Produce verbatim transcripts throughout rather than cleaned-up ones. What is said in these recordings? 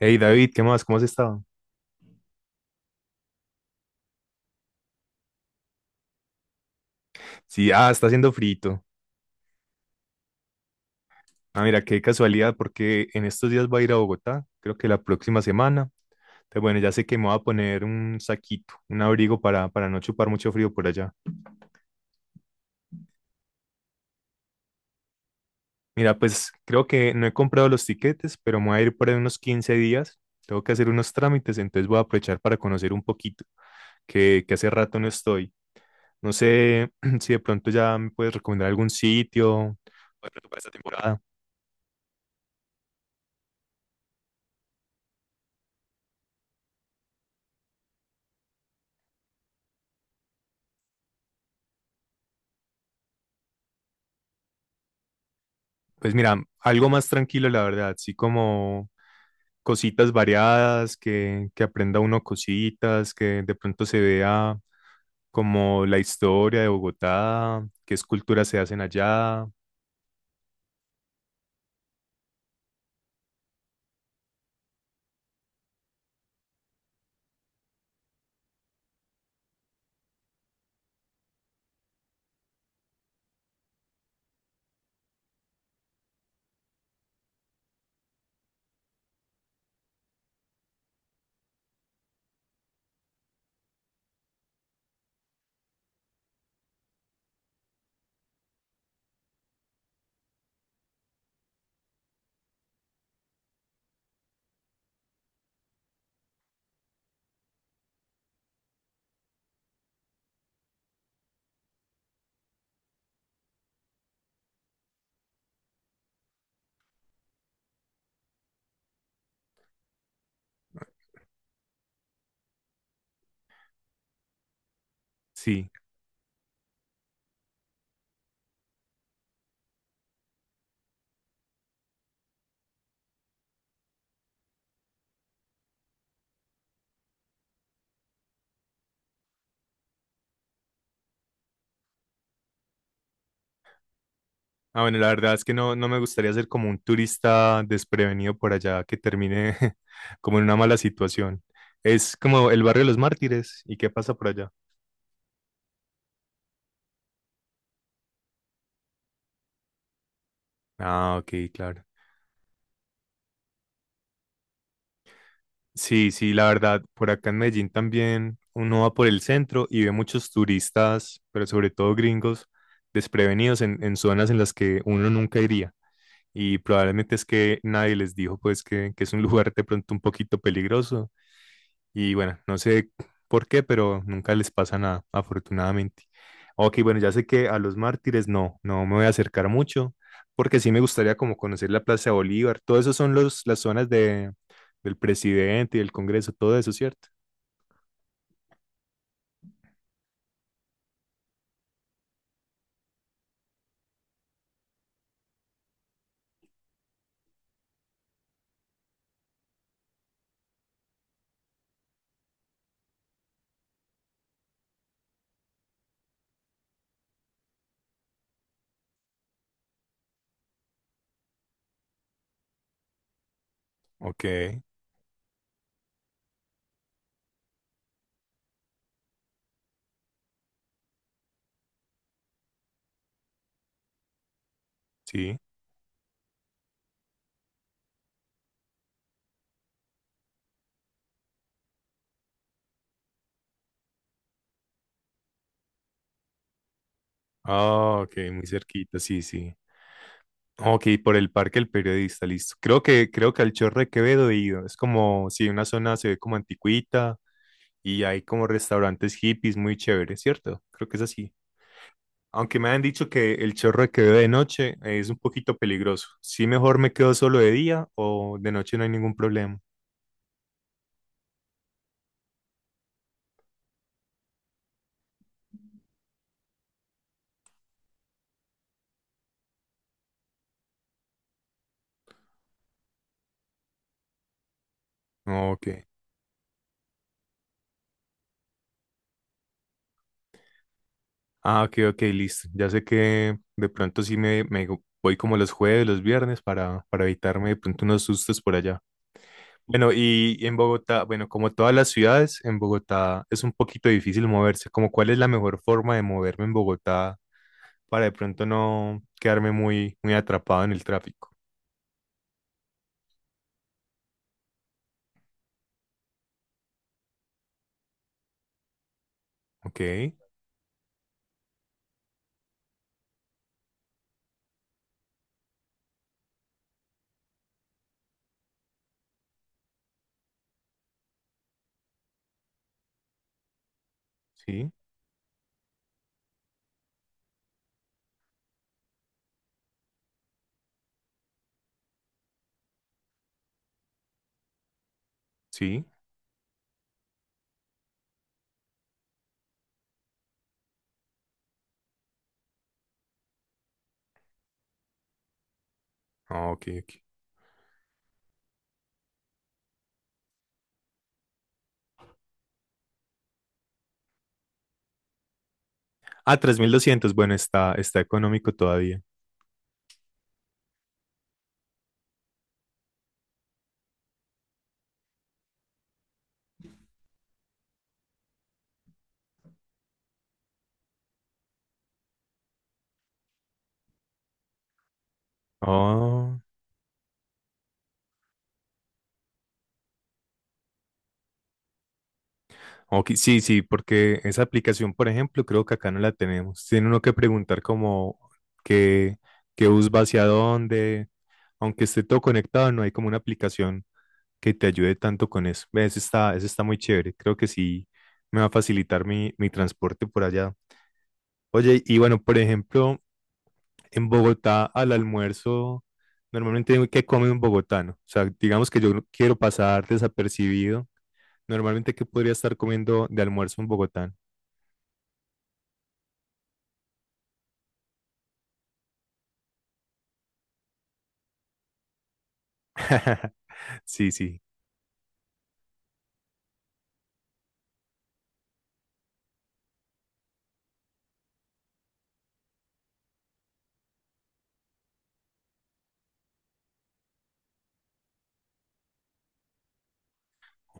Hey David, ¿qué más? ¿Cómo has estado? Sí, ah, está haciendo frito. Ah, mira, qué casualidad, porque en estos días voy a ir a Bogotá, creo que la próxima semana. Entonces, bueno, ya sé que me voy a poner un saquito, un abrigo para, para no chupar mucho frío por allá. Mira, pues creo que no he comprado los tiquetes, pero me voy a ir por ahí unos quince días. Tengo que hacer unos trámites, entonces voy a aprovechar para conocer un poquito, que, que hace rato no estoy. No sé si de pronto ya me puedes recomendar algún sitio, o de pronto para esta temporada. Pues mira, algo más tranquilo, la verdad, sí como cositas variadas, que, que aprenda uno cositas, que de pronto se vea como la historia de Bogotá, qué esculturas se hacen allá, sí. Ah, bueno, la verdad es que no, no me gustaría ser como un turista desprevenido por allá que termine como en una mala situación. Es como el barrio de los mártires, ¿y qué pasa por allá? Ah, ok, claro. Sí, sí, la verdad, por acá en Medellín también uno va por el centro y ve muchos turistas, pero sobre todo gringos, desprevenidos en, en zonas en las que uno nunca iría. Y probablemente es que nadie les dijo pues que, que es un lugar de pronto un poquito peligroso y bueno, no sé por qué, pero nunca les pasa nada, afortunadamente. Ok, bueno, ya sé que a los mártires no, no me voy a acercar mucho, porque sí me gustaría como conocer la Plaza de Bolívar. Todo eso son los, las zonas de, del presidente y del Congreso, todo eso, ¿cierto? Ok, sí. Ah, ok, muy cerquita, sí, sí. Ok, por el Parque del Periodista, listo. Creo que, creo que al Chorro de Quevedo he ido. Es como, si una zona se ve como anticuita y hay como restaurantes hippies muy chéveres, ¿cierto? Creo que es así. Aunque me han dicho que el Chorro de Quevedo de noche es un poquito peligroso. Sí, mejor me quedo solo de día o de noche no hay ningún problema. Ok. Ah, ok, ok, listo. Ya sé que de pronto sí me, me voy como los jueves, los viernes para, para evitarme de pronto unos sustos por allá. Bueno, y en Bogotá, bueno, como todas las ciudades, en Bogotá es un poquito difícil moverse. Como cuál es la mejor forma de moverme en Bogotá para de pronto no quedarme muy, muy atrapado en el tráfico. Ok, sí, sí. Ah, ok, ok. Ah, tres mil doscientos, bueno, está, está económico todavía. Oh, ok, sí, sí, porque esa aplicación, por ejemplo, creo que acá no la tenemos. Tiene uno que preguntar como qué, qué bus va hacia dónde. Aunque esté todo conectado, no hay como una aplicación que te ayude tanto con eso. Ve, ese está, ese está muy chévere. Creo que sí me va a facilitar mi, mi transporte por allá. Oye, y bueno, por ejemplo, en Bogotá al almuerzo, normalmente, ¿qué come un bogotano? O sea, digamos que yo no quiero pasar desapercibido. Normalmente, ¿qué podría estar comiendo de almuerzo un bogotano? Sí, sí.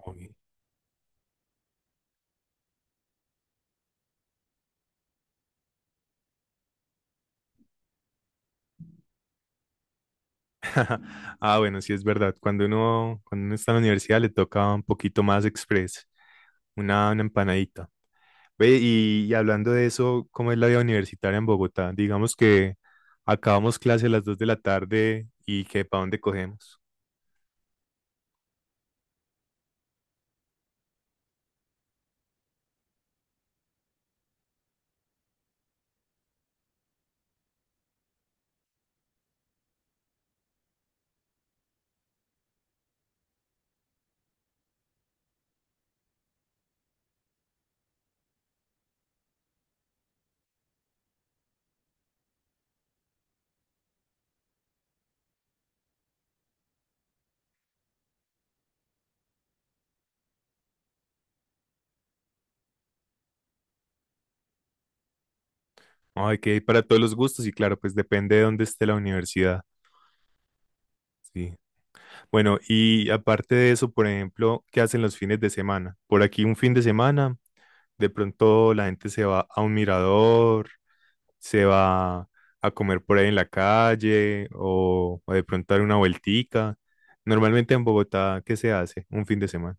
Uy. Ah, bueno, sí es verdad. Cuando uno, cuando uno está en la universidad le toca un poquito más express, una, una empanadita. Ve, y, y hablando de eso, ¿cómo es la vida universitaria en Bogotá? Digamos que acabamos clase a las dos de la tarde y que para dónde cogemos. Ay, que hay para todos los gustos y claro, pues depende de dónde esté la universidad. Sí. Bueno, y aparte de eso, por ejemplo, ¿qué hacen los fines de semana? Por aquí un fin de semana, de pronto la gente se va a un mirador, se va a comer por ahí en la calle o, o de pronto dar una vueltica. Normalmente en Bogotá, ¿qué se hace un fin de semana?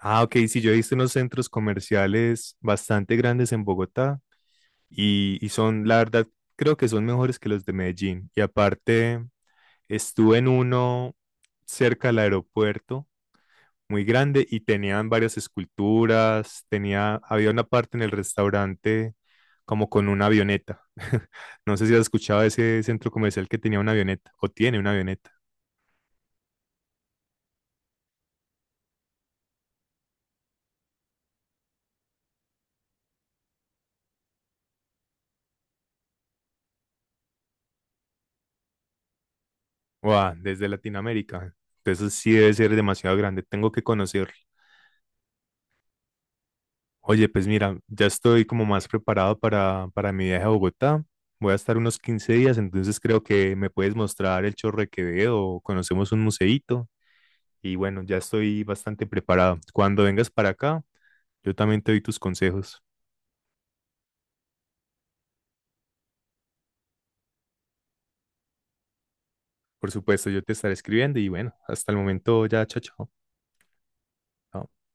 Ah, ok, sí, yo he visto unos centros comerciales bastante grandes en Bogotá y, y son, la verdad, creo que son mejores que los de Medellín. Y aparte, estuve en uno cerca del aeropuerto, muy grande, y tenían varias esculturas, tenía, había una parte en el restaurante como con una avioneta. No sé si has escuchado de ese centro comercial que tenía una avioneta o tiene una avioneta. Wow, desde Latinoamérica. Entonces sí debe ser demasiado grande, tengo que conocerlo. Oye, pues mira, ya estoy como más preparado para, para mi viaje a Bogotá. Voy a estar unos quince días, entonces creo que me puedes mostrar el Chorro de Quevedo o conocemos un museíto. Y bueno, ya estoy bastante preparado. Cuando vengas para acá, yo también te doy tus consejos. Por supuesto, yo te estaré escribiendo y bueno, hasta el momento ya, chao, chao.